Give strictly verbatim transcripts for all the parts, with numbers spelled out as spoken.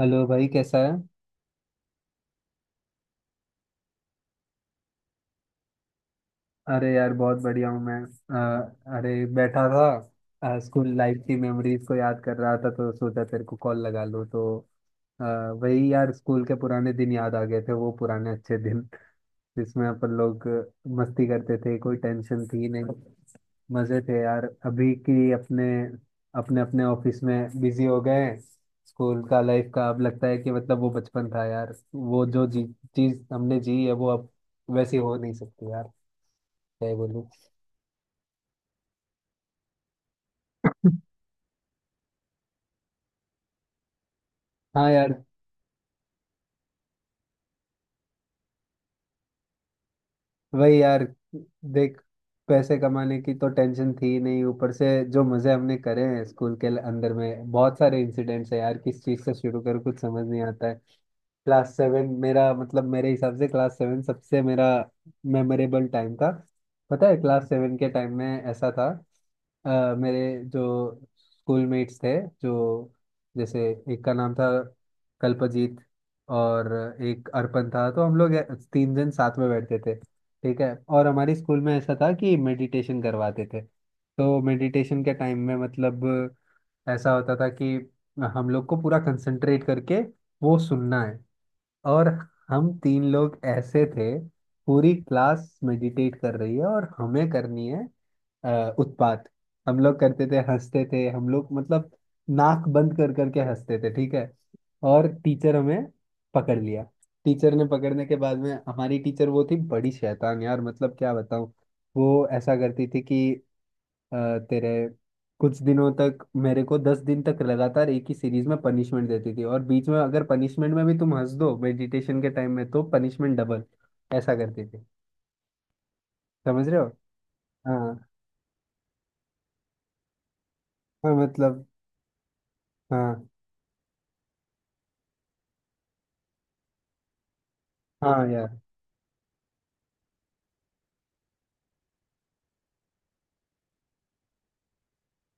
Hello भाई, कैसा है। अरे यार, बहुत बढ़िया हूँ मैं। अ, अरे, बैठा था, स्कूल लाइफ की मेमोरीज को याद कर रहा था तो सोचा तेरे को कॉल लगा लूँ तो अ, वही यार, स्कूल के पुराने दिन याद आ गए थे, वो पुराने अच्छे दिन जिसमें अपन लोग मस्ती करते थे, कोई टेंशन थी नहीं। मजे थे यार। अभी की अपने अपने अपने ऑफिस में बिजी हो गए हैं। स्कूल का लाइफ का अब लगता है कि मतलब वो बचपन था यार, वो जो जी चीज हमने जी है वो अब वैसी हो नहीं सकती यार। क्या ही बोलूं। हाँ यार। वही यार, देख। पैसे कमाने की तो टेंशन थी ही नहीं, ऊपर से जो मजे हमने करे हैं स्कूल के अंदर में, बहुत सारे इंसिडेंट्स है यार। किस चीज से शुरू करूँ, कुछ समझ नहीं आता है। क्लास सेवन मेरा मतलब, मेरे हिसाब से क्लास सेवन सबसे मेरा मेमोरेबल टाइम था। पता है, क्लास सेवन के टाइम में ऐसा था, अ, मेरे जो स्कूल मेट्स थे, जो जैसे एक का नाम था कल्पजीत और एक अर्पण था, तो हम लोग ए- तीन जन साथ में बैठते थे। ठीक है, और हमारे स्कूल में ऐसा था कि मेडिटेशन करवाते थे, तो मेडिटेशन के टाइम में मतलब ऐसा होता था कि हम लोग को पूरा कंसंट्रेट करके वो सुनना है, और हम तीन लोग ऐसे थे, पूरी क्लास मेडिटेट कर रही है और हमें करनी है अ, उत्पात। हम लोग करते थे, हंसते थे हम लोग, मतलब नाक बंद कर करके हंसते थे। ठीक है, और टीचर हमें पकड़ लिया। टीचर ने पकड़ने के बाद में हमारी टीचर वो थी बड़ी शैतान यार, मतलब क्या बताऊं। वो ऐसा करती थी कि अ, तेरे कुछ दिनों तक मेरे को दस दिन तक लगातार एक ही सीरीज में पनिशमेंट देती थी, और बीच में अगर पनिशमेंट में भी तुम हंस दो मेडिटेशन के टाइम में तो पनिशमेंट डबल। ऐसा करती थी। समझ रहे हो। हाँ हाँ। मतलब हाँ हाँ यार।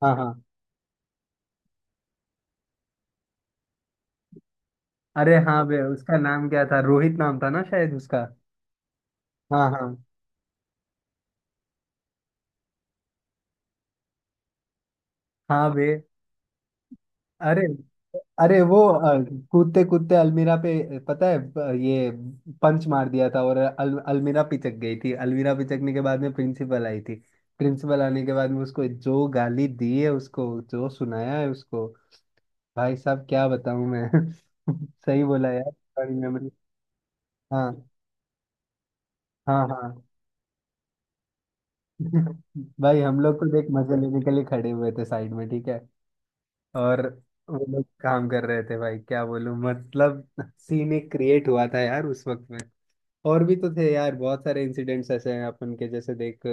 हाँ हाँ। अरे हाँ बे, उसका नाम क्या था, रोहित नाम था ना शायद उसका। हाँ हाँ। हाँ बे, अरे। अरे वो अ, कूदते कूदते अलमीरा पे अ, पता है अ, ये पंच मार दिया था और अल, अलमीरा पिचक गई थी। अलमीरा पिचकने के बाद में प्रिंसिपल आई थी। प्रिंसिपल आने के बाद में उसको जो गाली दी है, उसको जो सुनाया है उसको, भाई साहब क्या बताऊं मैं। सही बोला यार, तुम्हारी मेमोरी। हाँ हाँ हाँ। भाई हम लोग तो देख मजे लेने के लिए खड़े हुए थे साइड में। ठीक है, और वो लोग काम कर रहे थे भाई, क्या बोलूं, मतलब सीन एक क्रिएट हुआ था यार उस वक्त में। और भी तो थे यार, बहुत सारे इंसिडेंट्स ऐसे हैं अपन के, जैसे देख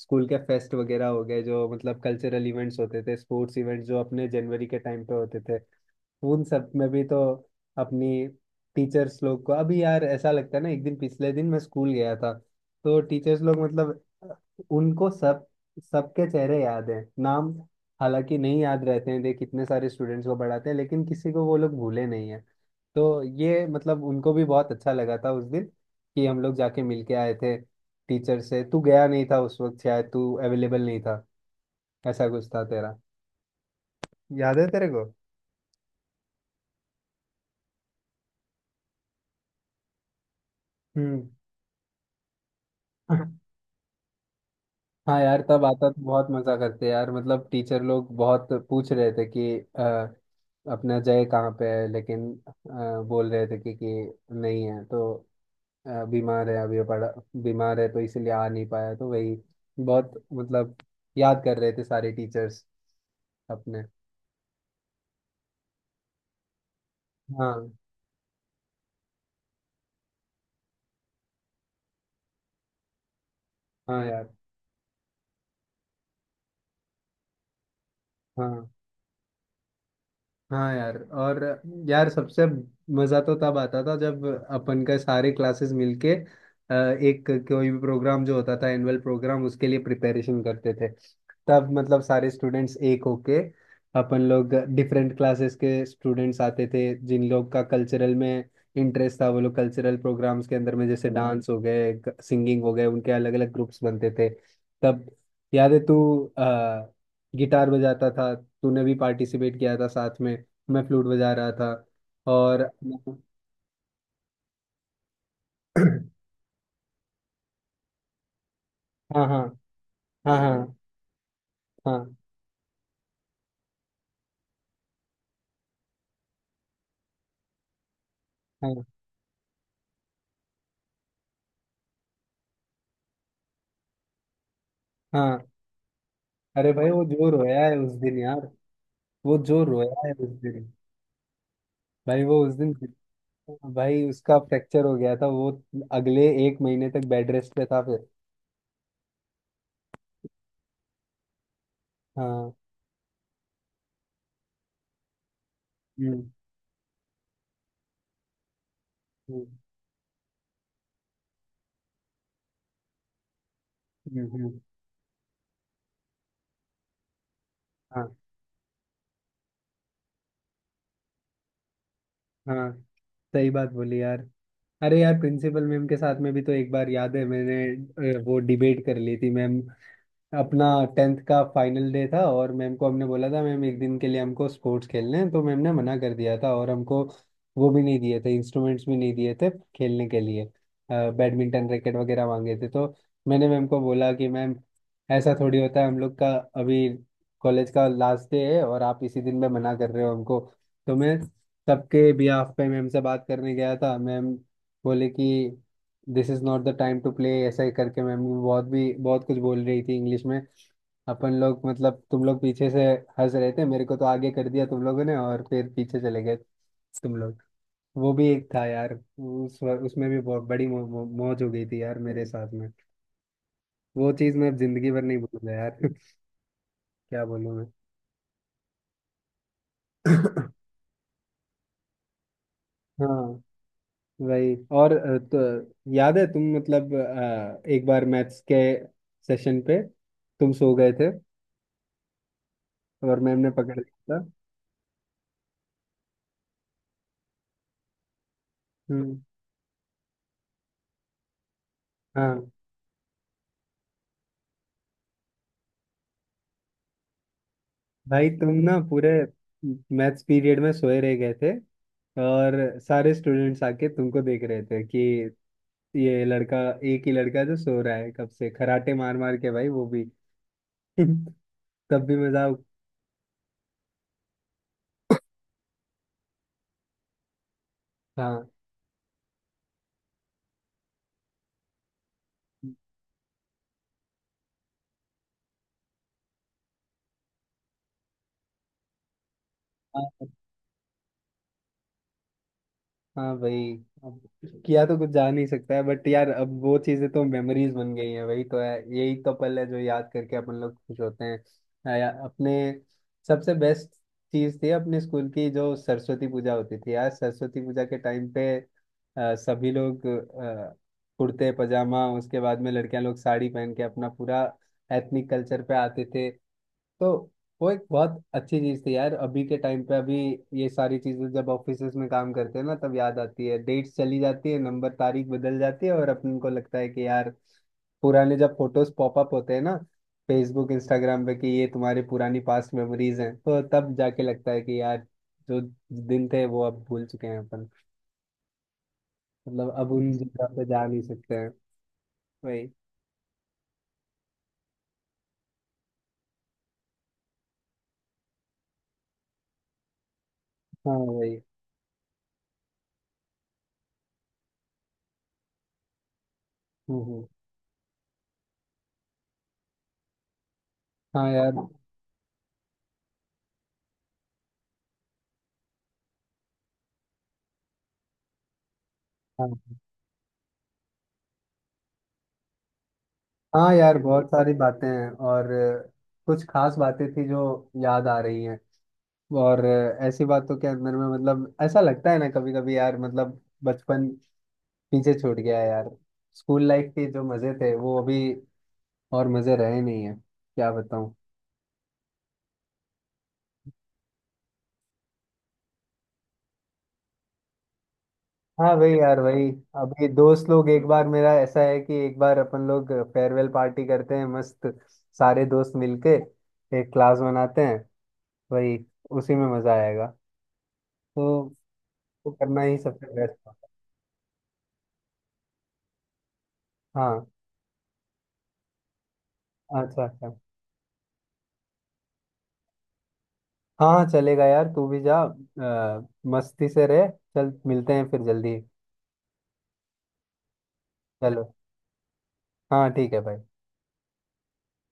स्कूल के फेस्ट वगैरह हो गए जो मतलब कल्चरल इवेंट्स होते थे, स्पोर्ट्स इवेंट्स जो अपने जनवरी के टाइम पे होते थे, उन सब में भी तो अपनी टीचर्स लोग को, अभी यार ऐसा लगता है ना, एक दिन पिछले दिन मैं स्कूल गया था। तो टीचर्स लोग मतलब अ, उनको सब, सबके चेहरे याद हैं, नाम हालांकि नहीं याद रहते हैं, देख कितने सारे स्टूडेंट्स को पढ़ाते हैं, लेकिन किसी को वो लोग भूले नहीं है। तो ये मतलब उनको भी बहुत अच्छा लगा था उस दिन, कि हम लोग जाके मिल के आए थे टीचर से। तू गया नहीं था उस वक्त, शायद तू अवेलेबल नहीं था, ऐसा कुछ था तेरा। याद है तेरे को। हम्म। हाँ यार, तब आता तो बहुत मजा करते यार, मतलब टीचर लोग बहुत पूछ रहे थे कि अ, अपना जय कहाँ पे है, लेकिन अ, बोल रहे थे कि, कि नहीं है तो अ, बीमार है अभी पड़ा, बीमार है तो इसीलिए आ नहीं पाया, तो वही बहुत मतलब याद कर रहे थे सारे टीचर्स अपने। हाँ हाँ यार। हाँ हाँ यार, और यार सबसे मज़ा तो तब आता था जब अपन का सारे क्लासेस मिलके अ, एक कोई भी प्रोग्राम जो होता था एनुअल प्रोग्राम उसके लिए प्रिपरेशन करते थे। तब मतलब सारे स्टूडेंट्स एक होके, अपन लोग डिफरेंट क्लासेस के स्टूडेंट्स आते थे, जिन लोग का कल्चरल में इंटरेस्ट था वो लोग कल्चरल प्रोग्राम्स के अंदर में, जैसे डांस हो गए, सिंगिंग हो गए, उनके अलग अलग ग्रुप्स बनते थे। तब याद है तू अ, गिटार बजाता था, तूने भी पार्टिसिपेट किया था साथ में, मैं फ्लूट बजा रहा था और हाँ हाँ हाँ हाँ हाँ हाँ हाँ। अरे भाई, वो जो रोया है उस दिन यार, वो जो रोया है उस दिन, भाई वो उस दिन, भाई उसका फ्रैक्चर हो गया था, वो अगले एक महीने तक बेड रेस्ट पे था फिर। हाँ। हम्म हम्म हम्म, हम्म। हाँ हाँ, सही बात बोली यार। अरे यार, प्रिंसिपल मैम के साथ में भी तो एक बार याद है मैंने अ, वो डिबेट कर ली थी मैम। अपना टेंथ का फाइनल डे था, और मैम को हमने बोला था मैम एक दिन के लिए हमको स्पोर्ट्स खेलने हैं, तो मैम ने मना कर दिया था और हमको वो भी नहीं दिए थे, इंस्ट्रूमेंट्स भी नहीं दिए थे खेलने के लिए, बैडमिंटन रैकेट वगैरह मांगे थे। तो मैंने मैम को बोला कि मैम ऐसा थोड़ी होता है हम लोग का, अभी कॉलेज का लास्ट डे है और आप इसी दिन में मना कर रहे हो हमको। तो मैं सबके बिहाफ पे मैम से बात करने गया था, मैम बोले कि this is not the time to play ऐसा ही करके, मैम बहुत भी बहुत कुछ बोल रही थी इंग्लिश में। अपन लोग मतलब तुम लोग पीछे से हंस रहे थे, मेरे को तो आगे कर दिया तुम लोगों ने और फिर पीछे चले गए तुम लोग। वो भी एक था यार, उस उसमें भी बहुत बड़ी मौ, मौ, मौज हो गई थी यार मेरे साथ में। वो चीज़ मैं जिंदगी भर नहीं भूलूंगा यार। क्या बोलूं मैं। हाँ वही। और अ, तो याद है तुम मतलब अ, एक बार मैथ्स के सेशन पे तुम सो गए थे और मैम ने पकड़ लिया था। हम्म। हाँ भाई, तुम ना पूरे मैथ्स पीरियड में सोए रह गए थे, और सारे स्टूडेंट्स आके तुमको देख रहे थे कि ये लड़का, एक ही लड़का जो सो रहा है कब से खराटे मार मार के, भाई वो भी तब भी मजाक। हाँ हाँ भाई, अब किया तो कुछ जा नहीं सकता है बट यार, अब वो चीजें तो मेमोरीज बन गई हैं, वही तो है, यही तो पल है जो याद करके अपन लोग खुश होते हैं। आ, या, अपने सबसे बेस्ट चीज थी अपने स्कूल की जो सरस्वती पूजा होती थी यार। सरस्वती पूजा के टाइम पे आ, सभी लोग आ, कुर्ते पजामा, उसके बाद में लड़कियां लोग साड़ी पहन के अपना पूरा एथनिक कल्चर पे आते थे। तो वो एक बहुत अच्छी चीज थी यार। अभी के टाइम पे, अभी ये सारी चीजें जब ऑफिसेज में काम करते हैं ना तब याद आती है, डेट्स चली जाती है, नंबर तारीख बदल जाती है, और अपन को लगता है कि यार पुराने, जब फोटोज पॉपअप होते हैं ना फेसबुक इंस्टाग्राम पे कि ये तुम्हारी पुरानी पास्ट मेमोरीज हैं, तो तब जाके लगता है कि यार जो दिन थे वो अब भूल चुके हैं अपन, मतलब अब उन जगह पे जा नहीं सकते हैं। वही। हाँ वही। हम्म हम्म। हाँ यार। हाँ हाँ यार, बहुत सारी बातें हैं, और अ, कुछ खास बातें थी जो याद आ रही हैं। और अ, ऐसी बातों के अंदर में मतलब ऐसा लगता है ना कभी कभी यार, मतलब बचपन पीछे छूट गया है यार, स्कूल लाइफ के जो मजे थे वो अभी और मजे रहे नहीं है। क्या बताऊँ। हाँ वही यार वही। अभी दोस्त लोग, एक बार मेरा ऐसा है कि एक बार अपन लोग फेयरवेल पार्टी करते हैं मस्त, सारे दोस्त मिलके एक क्लास बनाते हैं, वही उसी में मजा आएगा। तो, तो करना ही सबसे बेस्ट। हाँ। अच्छा अच्छा। हाँ हाँ, चलेगा यार, तू भी जा अ, मस्ती से रह। चल मिलते हैं फिर जल्दी। चलो। हाँ ठीक है भाई।